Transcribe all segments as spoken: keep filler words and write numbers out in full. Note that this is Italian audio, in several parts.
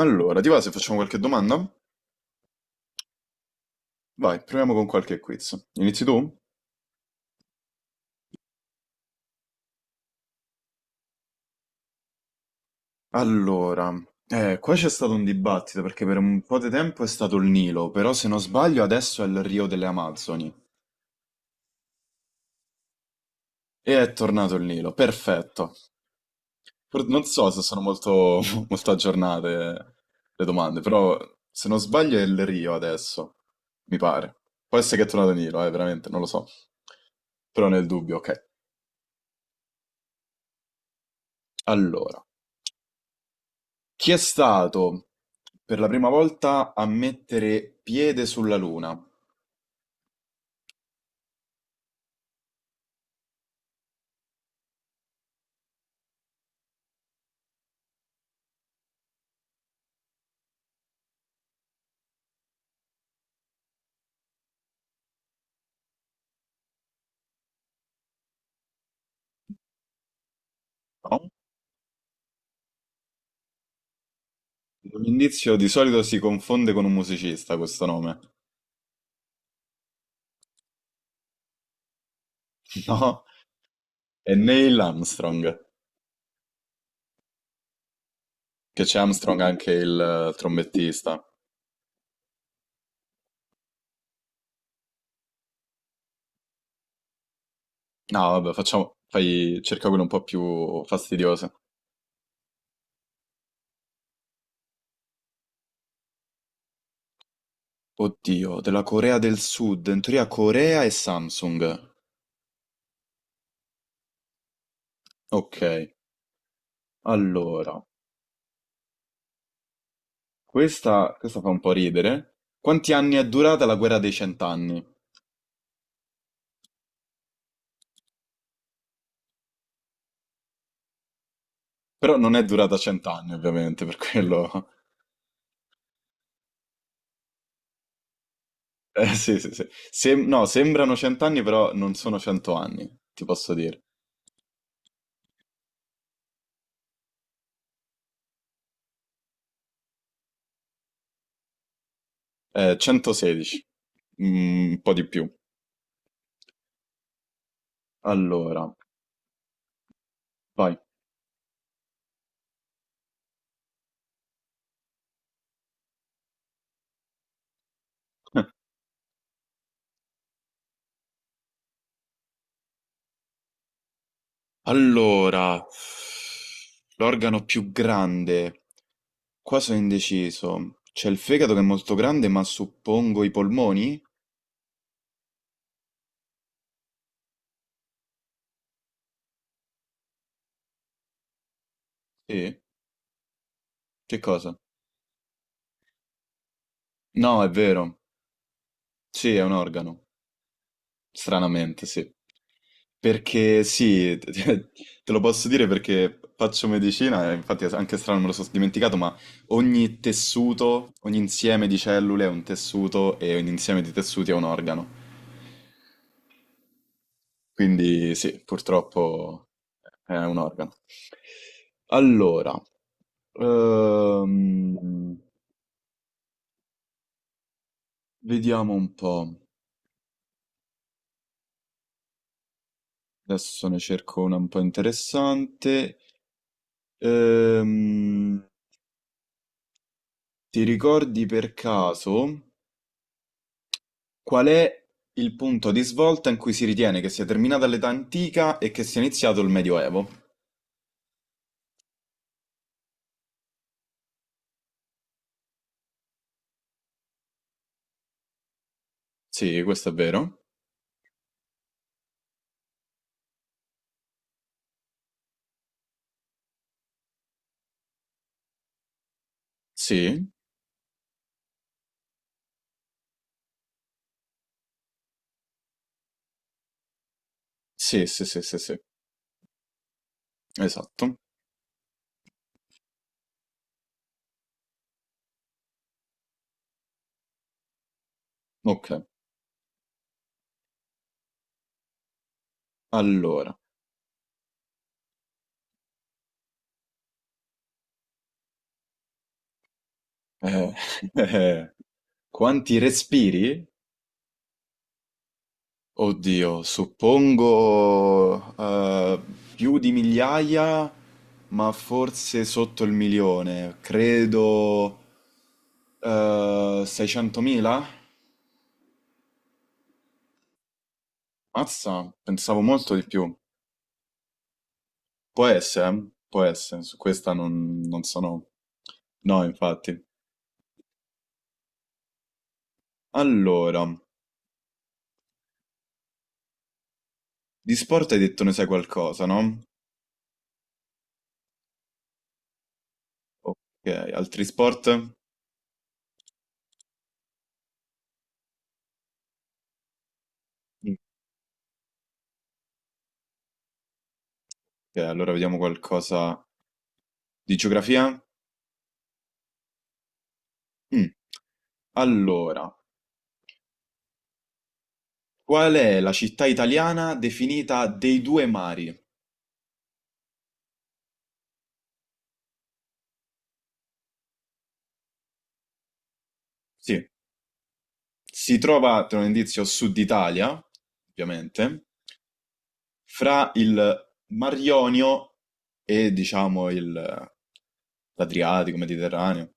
Allora, ti va se facciamo qualche domanda? Vai, proviamo con qualche quiz. Inizi tu? Allora, eh, qua c'è stato un dibattito perché per un po' di tempo è stato il Nilo, però se non sbaglio adesso è il Rio delle Amazzoni. E è tornato il Nilo, perfetto. Per- Non so se sono molto, molto aggiornate le domande, però se non sbaglio è il Rio adesso, mi pare. Può essere che è tornato il Nilo, eh, veramente, non lo so. Però nel dubbio, ok. Allora. Chi è stato per la prima volta a mettere piede sulla Luna? No? Un indizio di solito si confonde con un musicista questo nome. No? È Neil Armstrong, che c'è Armstrong anche il eh, trombettista. No, vabbè, facciamo, fai, cerca quello un po' più fastidioso. Oddio, della Corea del Sud, in teoria Corea e Samsung. Ok, allora, questa, questa fa un po' ridere. Quanti anni è durata la guerra dei cent'anni? Però non è durata cent'anni, ovviamente, per quello. Eh, sì, sì, sì. Sem- no, sembrano cent'anni, però non sono cento anni, ti posso dire. Eh, centosedici, Mm, un po' di più. Allora, vai. Allora, l'organo più grande. Qua sono indeciso. C'è il fegato che è molto grande, ma suppongo i polmoni? Sì. Che cosa? No, è vero. Sì, è un organo. Stranamente, sì. Perché sì, te lo posso dire perché faccio medicina, e infatti è anche strano me lo sono dimenticato, ma ogni tessuto, ogni insieme di cellule è un tessuto e ogni insieme di tessuti è un organo. Quindi sì, purtroppo è un organo. Allora, ehm, vediamo un po'. Adesso ne cerco una un po' interessante. Ehm, ti ricordi per caso? Qual è il punto di svolta in cui si ritiene che sia terminata l'età antica e che sia iniziato il Medioevo? Sì, questo è vero. Sì, sì, sì, sì, sì, sì. Esatto. Ok, allora. eh, eh, quanti respiri? Oddio, suppongo eh, più di migliaia, ma forse sotto il milione. Credo eh, seicentomila? Mazza, pensavo molto di più. Può essere, eh? Può essere, su questa non, non sono. No, infatti. Allora, di sport hai detto ne sai qualcosa, no? Ok, altri sport? Ok, allora vediamo qualcosa di geografia. Mm. Allora, qual è la città italiana definita dei due mari? Sì, si trova, tra un indizio, Sud Italia, ovviamente, fra il Mar Ionio e diciamo il l'Adriatico, Mediterraneo.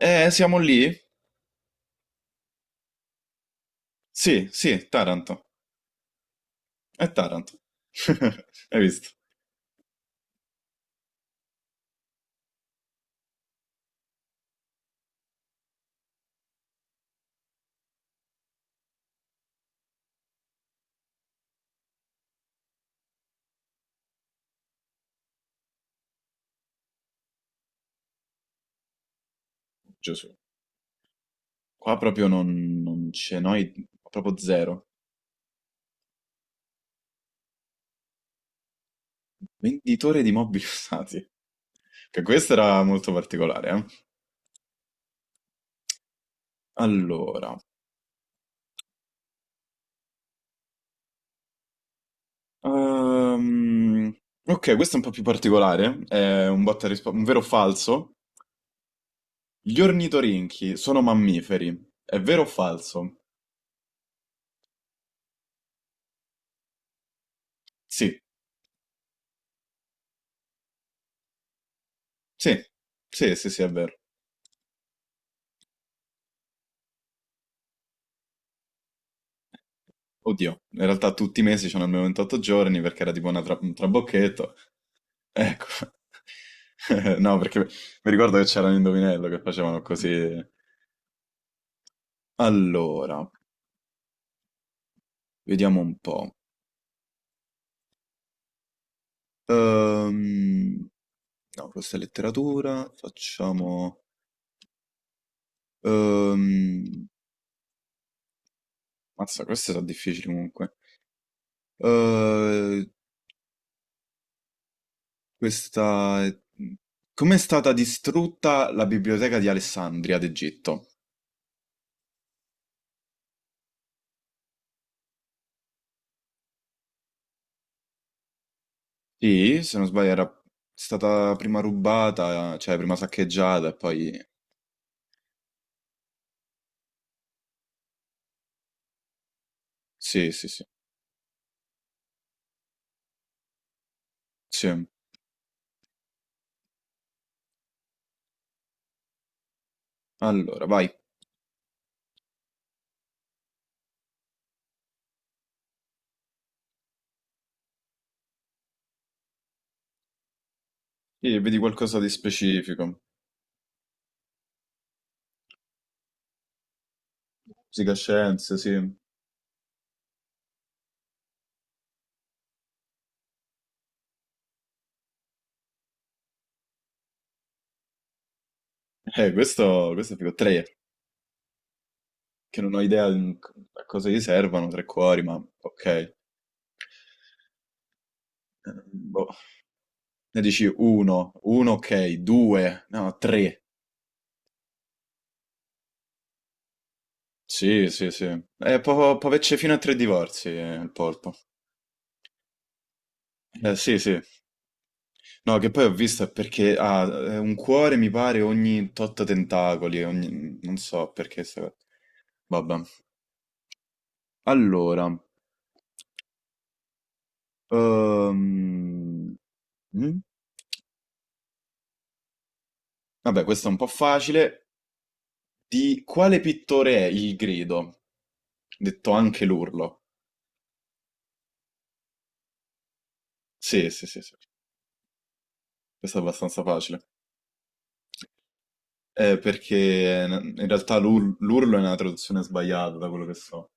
Eh, siamo lì? Sì, sì, Taranto. È Taranto. Hai visto? Gesù. Qua proprio non, non c'è noi, proprio zero. Venditore di mobili usati. Che questo era molto particolare, eh. Allora, ehm, ok, questo è un po' più particolare. È un botta e risposta, un vero o falso. Gli ornitorinchi sono mammiferi, è vero o falso? Sì, sì, sì, sì, sì, è vero. Oddio, in realtà tutti i mesi c'hanno almeno ventotto giorni perché era tipo una tra- un trabocchetto. Ecco. No, perché mi ricordo che c'era un indovinello che facevano così. Allora, vediamo un po'. Ehm, no, questa è letteratura, facciamo. Ehm, mazza, queste sono difficili comunque. Ehm, Questa... Come è stata distrutta la biblioteca di Alessandria d'Egitto? Sì, se non sbaglio era stata prima rubata, cioè prima saccheggiata e poi. Sì, sì, sì. Sì. Allora, vai. Sì, vedi qualcosa di specifico. Psicoscienze, sì. Eh, questo, questo è figo. Tre, che non ho idea di- a cosa gli servano, tre cuori, ma ok. Eh, Boh. Ne dici uno, uno ok, due, no, tre. Sì, sì, sì. Eh, può, può averci fino a tre divorzi eh, il polpo. Eh, sì, sì. No, che poi ho visto è perché ha eh, un cuore, mi pare, ogni tot tentacoli, ogni. Non so perché sta cosa. Vabbè. Allora, ehm, mm? Vabbè, questo è un po' facile. Di quale pittore è il grido? Detto anche l'urlo. Sì, sì, sì, sì. Questo è abbastanza facile. Eh, perché eh, in realtà l'ur- l'urlo è una traduzione sbagliata da quello che so.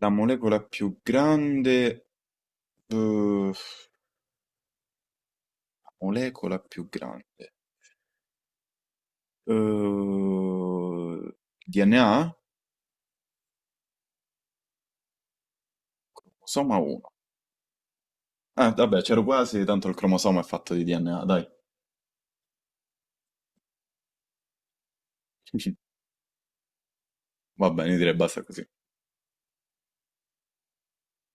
La molecola più grande. eh, molecola più grande. eh, D N A? Cromosoma uno. Eh, vabbè, c'ero quasi, tanto il cromosoma è fatto di D N A, dai. Va bene, io direi basta così.